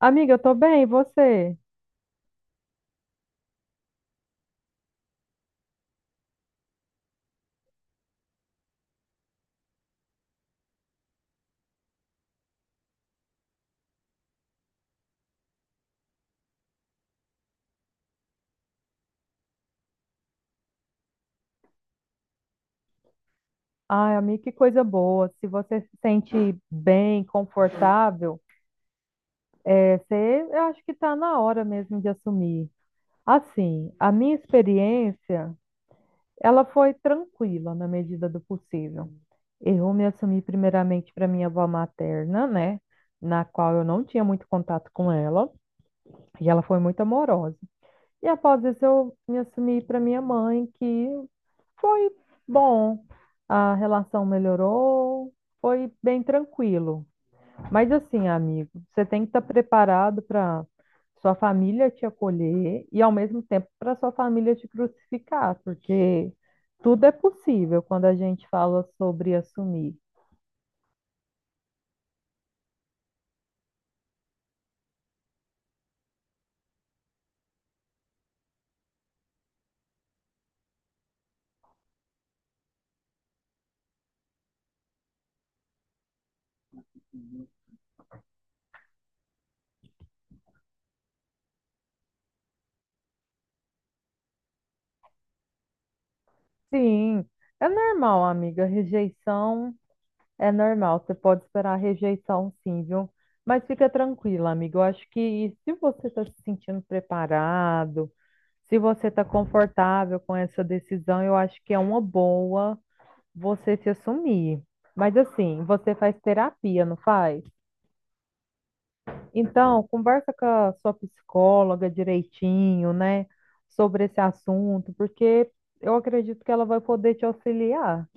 Amiga, eu tô bem, e você? Ai, amiga, que coisa boa. Se você se sente bem, confortável, você, eu acho que tá na hora mesmo de assumir. Assim, a minha experiência, ela foi tranquila na medida do possível. Eu me assumi primeiramente para minha avó materna, né? Na qual eu não tinha muito contato com ela, e ela foi muito amorosa. E após isso, eu me assumi para minha mãe, que foi bom, a relação melhorou, foi bem tranquilo. Mas assim, amigo, você tem que estar preparado para sua família te acolher e ao mesmo tempo para sua família te crucificar, porque tudo é possível quando a gente fala sobre assumir. Sim, é normal, amiga, rejeição é normal, você pode esperar a rejeição, sim, viu? Mas fica tranquila, amigo. Eu acho que se você está se sentindo preparado, se você está confortável com essa decisão, eu acho que é uma boa você se assumir. Mas assim, você faz terapia, não faz? Então, conversa com a sua psicóloga direitinho, né, sobre esse assunto, porque eu acredito que ela vai poder te auxiliar.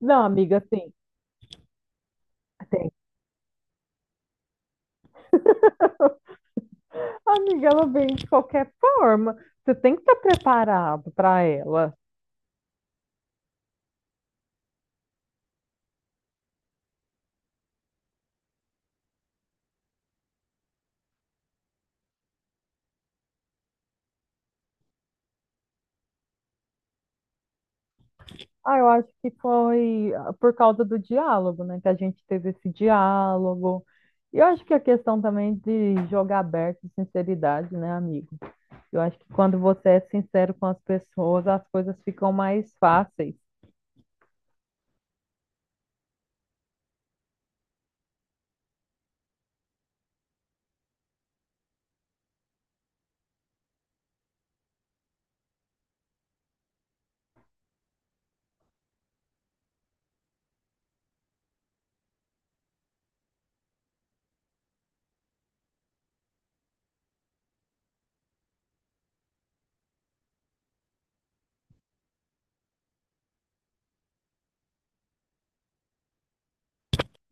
Não, amiga, assim, tem. Amiga, ela vem de qualquer forma. Você tem que estar preparado para ela. Ah, eu acho que foi por causa do diálogo, né? Que a gente teve esse diálogo. E eu acho que a questão também de jogar aberto e sinceridade, né, amigo? Eu acho que quando você é sincero com as pessoas, as coisas ficam mais fáceis.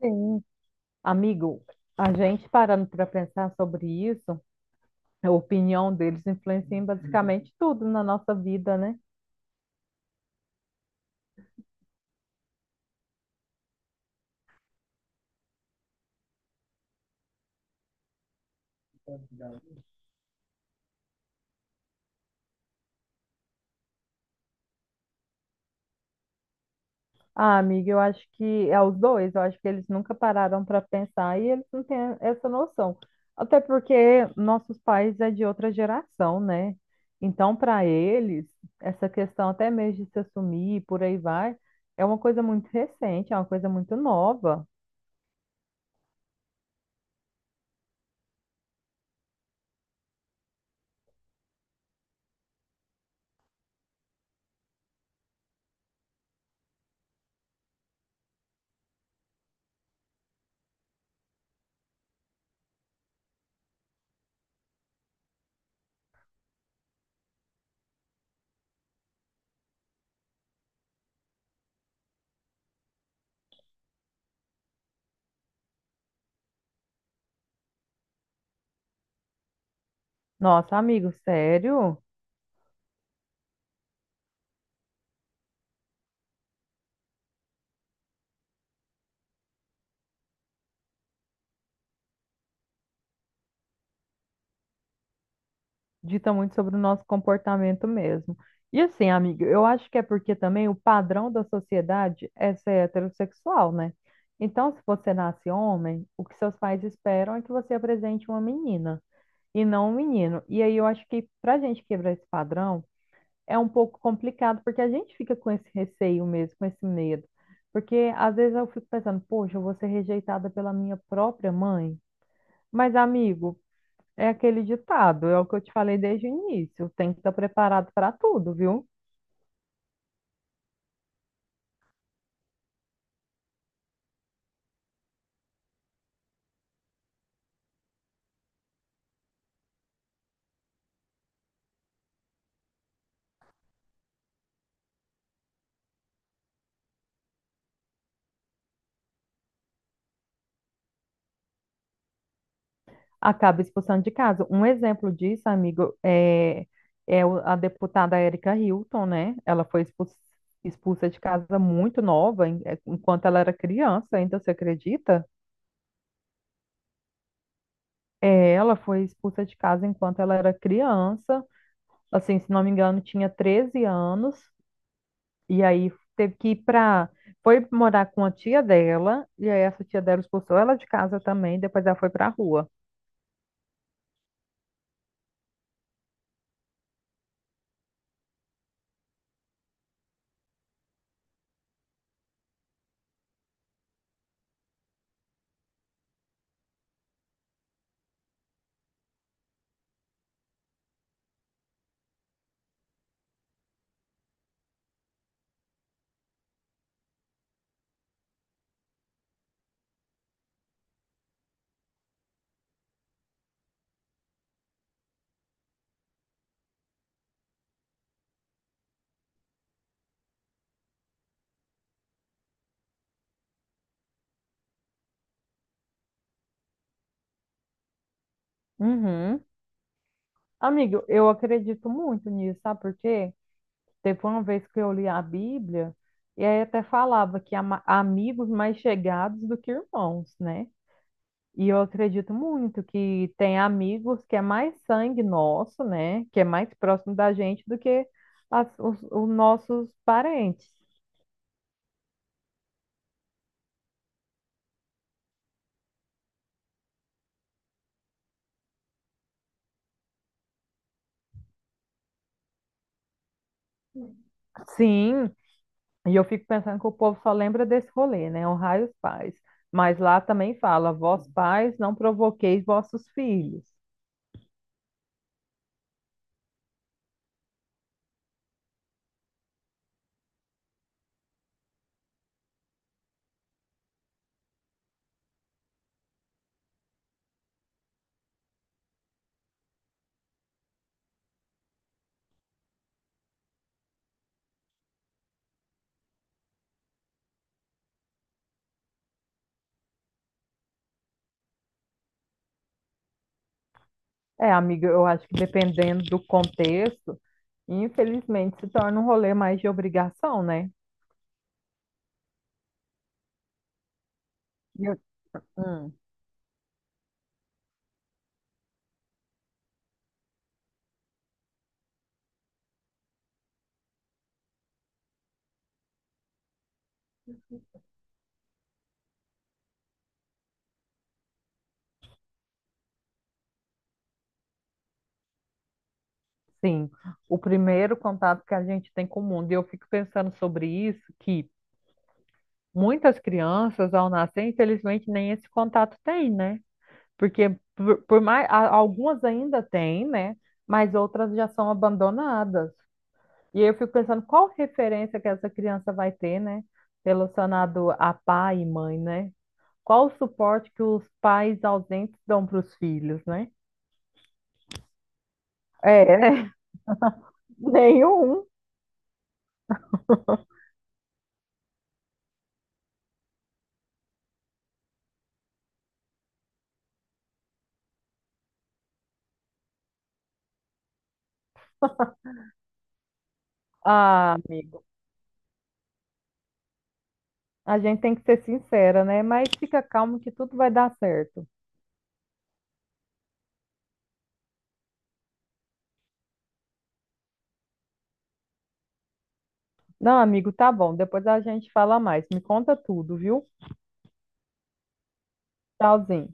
Sim. Amigo, a gente parando para pensar sobre isso, a opinião deles influencia em basicamente tudo na nossa vida, né? Ah, amiga, eu acho que é os dois, eu acho que eles nunca pararam para pensar e eles não têm essa noção. Até porque nossos pais é de outra geração, né? Então, para eles, essa questão até mesmo de se assumir e por aí vai, é uma coisa muito recente, é uma coisa muito nova. Nossa, amigo, sério? Dita muito sobre o nosso comportamento mesmo. E assim, amiga, eu acho que é porque também o padrão da sociedade é ser heterossexual, né? Então, se você nasce homem, o que seus pais esperam é que você apresente uma menina e não um menino. E aí eu acho que para a gente quebrar esse padrão é um pouco complicado, porque a gente fica com esse receio mesmo, com esse medo. Porque às vezes eu fico pensando, poxa, eu vou ser rejeitada pela minha própria mãe. Mas, amigo, é aquele ditado, é o que eu te falei desde o início. Tem que estar preparado para tudo, viu? Acaba expulsando de casa. Um exemplo disso, amigo, é a deputada Érica Hilton, né? Ela foi expulsa, expulsa de casa muito nova, enquanto ela era criança, ainda, você acredita? É, ela foi expulsa de casa enquanto ela era criança. Assim, se não me engano, tinha 13 anos. E aí teve que ir pra. Foi morar com a tia dela, e aí essa tia dela expulsou ela de casa também, depois ela foi pra rua. Uhum. Amigo, eu acredito muito nisso, sabe por quê? Teve uma vez que eu li a Bíblia, e aí até falava que amigos mais chegados do que irmãos, né? E eu acredito muito que tem amigos que é mais sangue nosso, né? Que é mais próximo da gente do que os nossos parentes. Sim, e eu fico pensando que o povo só lembra desse rolê, né? Honrai os pais. Mas lá também fala, vós pais, não provoqueis vossos filhos. É, amiga, eu acho que dependendo do contexto, infelizmente se torna um rolê mais de obrigação, né? E eu- hum, sim, o primeiro contato que a gente tem com o mundo. E eu fico pensando sobre isso, que muitas crianças, ao nascer, infelizmente, nem esse contato tem, né? Porque por mais algumas ainda têm, né? Mas outras já são abandonadas. E eu fico pensando qual referência que essa criança vai ter, né? Relacionado a pai e mãe, né? Qual o suporte que os pais ausentes dão para os filhos, né? É, né? nenhum. Ah, amigo, a gente tem que ser sincera, né? Mas fica calmo que tudo vai dar certo. Não, amigo, tá bom. Depois a gente fala mais. Me conta tudo, viu? Tchauzinho.